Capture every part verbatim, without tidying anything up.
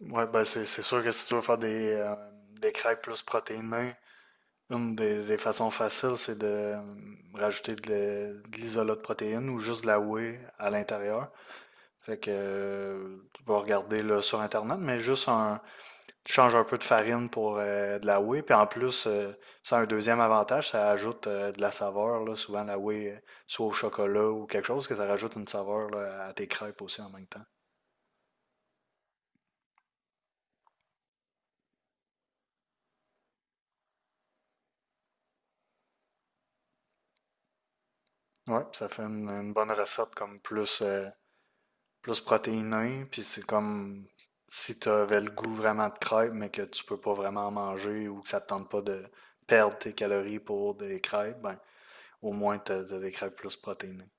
Ouais, ben c'est c'est sûr que si tu veux faire des, euh, des crêpes plus protéinées, une des, des façons faciles, c'est de euh, rajouter de, la- de l'isolat de protéines ou juste de la whey à l'intérieur. Fait que euh, tu vas regarder là, sur Internet, mais juste un, tu changes un peu de farine pour euh, de la whey. Puis en plus, euh, ça a un deuxième avantage, ça ajoute euh, de la saveur, là, souvent la whey, euh, soit au chocolat ou quelque chose, que ça rajoute une saveur là, à tes crêpes aussi en même temps. Ouais, ça fait une, une bonne recette comme plus euh, plus protéiné, puis c'est comme si tu avais le goût vraiment de crêpes, mais que tu peux pas vraiment manger ou que ça te tente pas de perdre tes calories pour des crêpes, ben, au moins tu as, des crêpes plus protéinées.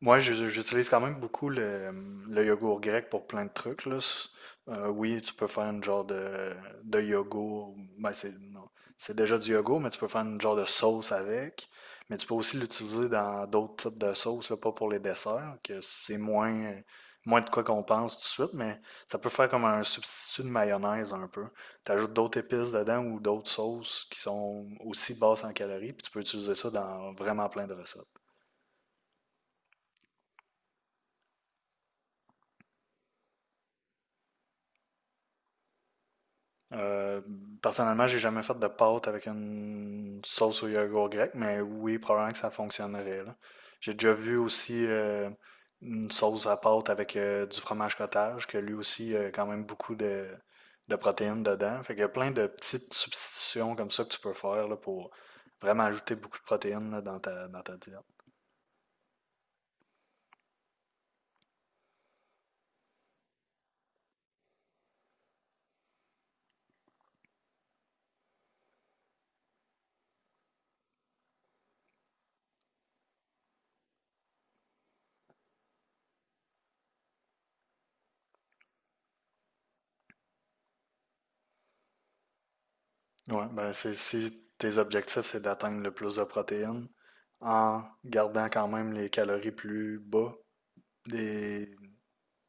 Moi, je- j'utilise quand même beaucoup le, le yogourt grec pour plein de trucs, là. S- euh, oui, tu peux faire une genre de, de yogourt. Ben, c'est, non, c'est déjà du yogourt, mais tu peux faire une genre de sauce avec. Mais tu peux aussi l'utiliser dans d'autres types de sauces, là, pas pour les desserts, que c'est moins, moins de quoi qu'on pense tout de suite, mais ça peut faire comme un substitut de mayonnaise un peu. Tu ajoutes d'autres épices dedans ou d'autres sauces qui sont aussi basses en calories, puis tu peux utiliser ça dans vraiment plein de recettes. Euh, Personnellement, j'ai jamais fait de pâte avec une sauce au yogourt grec, mais oui, probablement que ça fonctionnerait, là. J'ai déjà vu aussi euh, une sauce à pâte avec euh, du fromage cottage, que lui aussi a quand même beaucoup de, de protéines dedans. Fait qu'il y a plein de petites substitutions comme ça que tu peux faire là, pour vraiment ajouter beaucoup de protéines là, dans ta, dans ta diète. Ouais, ben c'est, si tes objectifs, c'est d'atteindre le plus de protéines en gardant quand même les calories plus bas des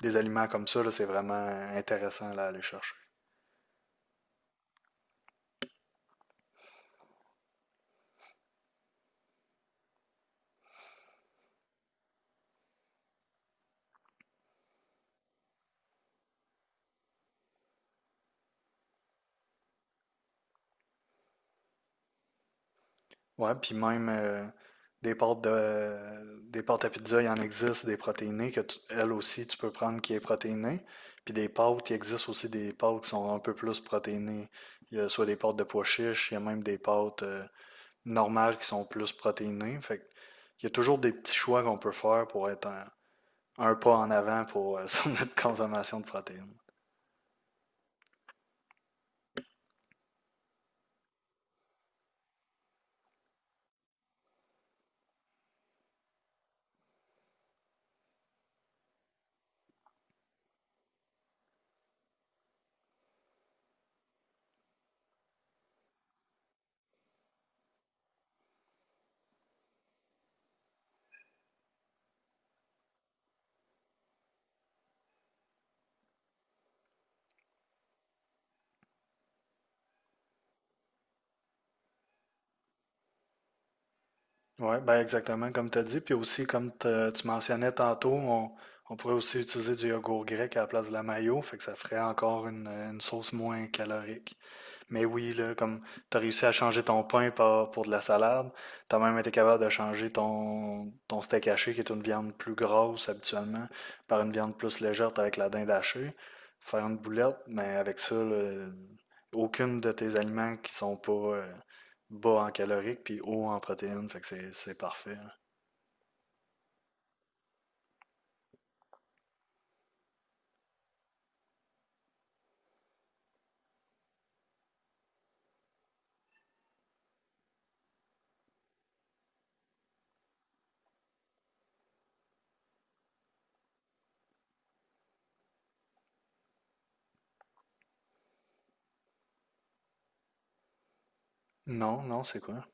des aliments comme ça, là, c'est vraiment intéressant là, à aller chercher. Ouais, puis même euh, des pâtes de des pâtes à pizza, il en existe des protéinées que tu- elle aussi tu peux prendre qui est protéinée. Puis des pâtes, il existe aussi des pâtes qui sont un peu plus protéinées. Il y a soit des pâtes de pois chiches, il y a même des pâtes euh, normales qui sont plus protéinées. Fait que il y a toujours des petits choix qu'on peut faire pour être un, un pas en avant pour euh, sur notre consommation de protéines. Oui, ben exactement comme tu as dit. Puis aussi, comme te- tu mentionnais tantôt, on, on pourrait aussi utiliser du yogourt grec à la place de la mayo, fait que ça ferait encore une, une sauce moins calorique. Mais oui, là, comme t'as réussi à changer ton pain par- pour de la salade, t'as même été capable de changer ton, ton steak haché, qui est une viande plus grosse habituellement, par une viande plus légère avec la dinde hachée. Faire une boulette, mais avec ça, là, aucune de tes aliments qui sont pas euh, bas en caloriques puis haut en protéines, fait que c'est c'est parfait. Là. Non, non, c'est quoi?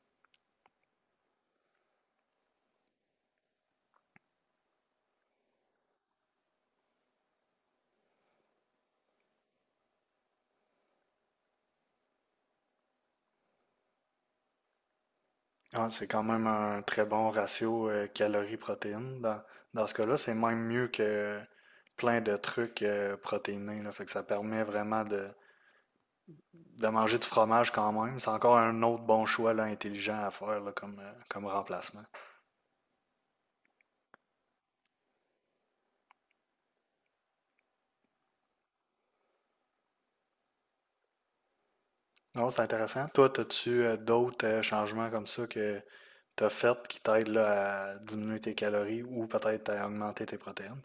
Ah, c'est quand même un très bon ratio euh, calories-protéines. Dans, dans ce cas-là, c'est même mieux que plein de trucs euh, protéinés, là. Fait que ça permet vraiment de, de manger du fromage quand même. C'est encore un autre bon choix là, intelligent à faire là, comme, euh, comme remplacement. Non, c'est intéressant. Toi, as-tu euh, d'autres euh, changements comme ça que tu as fait qui t'aident là, à diminuer tes calories ou peut-être à augmenter tes protéines?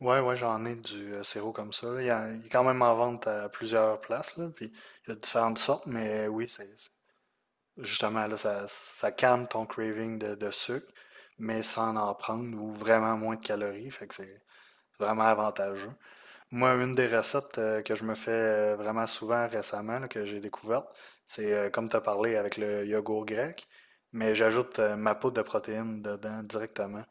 Ouais, ouais, j'en ai du euh, sirop comme ça. Là, Il, y a- il est quand même en vente à plusieurs places, là, puis il y a différentes sortes, mais oui, c'est c'est- justement là, ça, ça calme ton craving de, de sucre, mais sans en prendre ou vraiment moins de calories, fait que c'est c'est vraiment avantageux. Moi, une des recettes euh, que je me fais euh, vraiment souvent récemment, là, que j'ai découverte, c'est euh, comme tu as parlé avec le yogourt grec, mais j'ajoute euh, ma poudre de protéines dedans directement.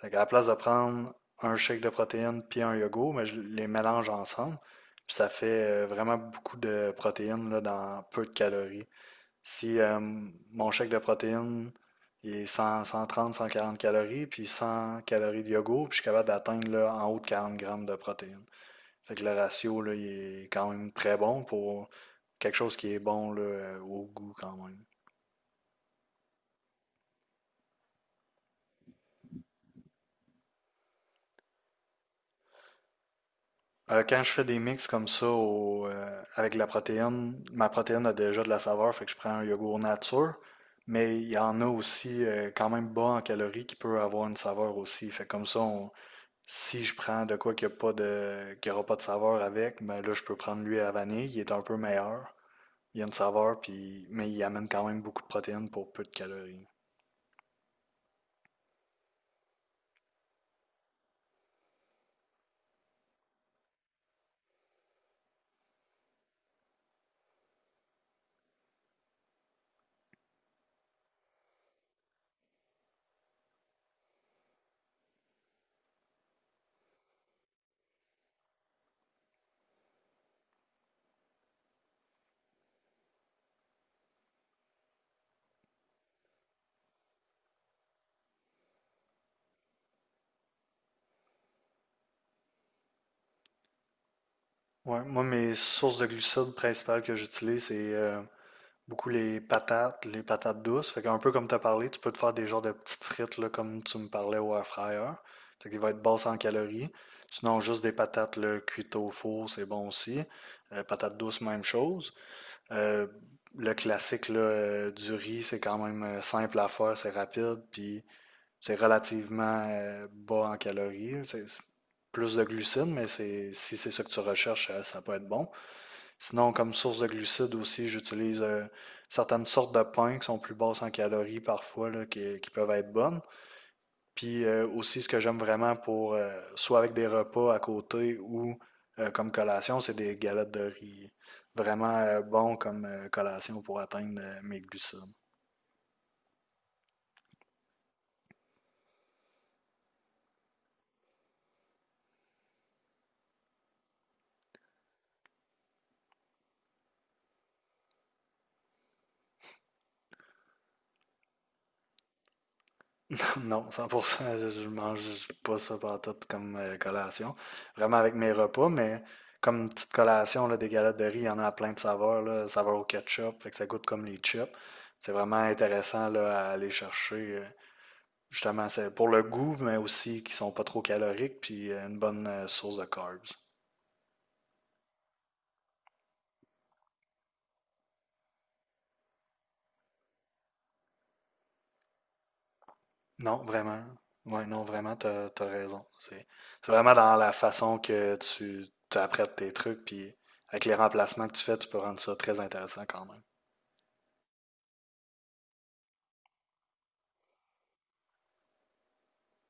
Fait qu'à la place de prendre un shake de protéines puis un yogourt, mais je les mélange ensemble. Puis ça fait euh, vraiment beaucoup de protéines là, dans peu de calories. Si euh, mon shake de protéines il est cent, cent trente, cent quarante calories, puis cent calories de yogourt, puis je suis capable d'atteindre là, en haut de quarante grammes de protéines. Fait que le ratio là, il est quand même très bon pour quelque chose qui est bon là, euh, au goût quand même. Euh, quand je fais des mix comme ça au, euh, avec la protéine, ma protéine a déjà de la saveur, fait que je prends un yogourt nature, mais il y en a aussi euh, quand même bas en calories qui peut avoir une saveur aussi. Fait que comme ça, on- si je prends de quoi qu'il n'y a pas de, qu'il y aura pas de saveur avec, ben là je peux prendre lui à la vanille, il est un peu meilleur, il y a une saveur, puis, mais il amène quand même beaucoup de protéines pour peu de calories. Ouais, moi mes sources de glucides principales que j'utilise, c'est euh, beaucoup les patates, les patates douces. Fait qu'un peu comme tu as parlé, tu peux te faire des genres de petites frites là, comme tu me parlais au air fryer. Fait qu'il va être basse en calories. Sinon, juste des patates là, cuites au four, c'est bon aussi. Euh, patates douces, même chose. Euh, le classique là, euh, du riz, c'est quand même euh, simple à faire, c'est rapide, puis c'est relativement euh, bas en calories. C'est c'est plus de glucides, mais c'est, si c'est ce que tu recherches, euh, ça peut être bon. Sinon, comme source de glucides aussi, j'utilise euh, certaines sortes de pains qui sont plus basses en calories parfois, là, qui, qui peuvent être bonnes. Puis euh, aussi, ce que j'aime vraiment pour, euh, soit avec des repas à côté ou euh, comme collation, c'est des galettes de riz. Vraiment euh, bon comme euh, collation pour atteindre euh, mes glucides. Non, cent pour cent, je, je mange pas ça pantoute comme euh, collation. Vraiment avec mes repas, mais comme une petite collation, là, des galettes de riz, il y en a à plein de saveurs, là, saveur au ketchup, fait que ça goûte comme les chips. C'est vraiment intéressant là, à aller chercher. euh, Justement, c'est pour le goût, mais aussi qui sont pas trop caloriques, puis euh, une bonne euh, source de carbs. Non, vraiment. Ouais, non, vraiment, t'as, t'as raison. C'est, c'est vraiment dans la façon que tu, tu apprêtes tes trucs, puis avec les remplacements que tu fais, tu peux rendre ça très intéressant quand même.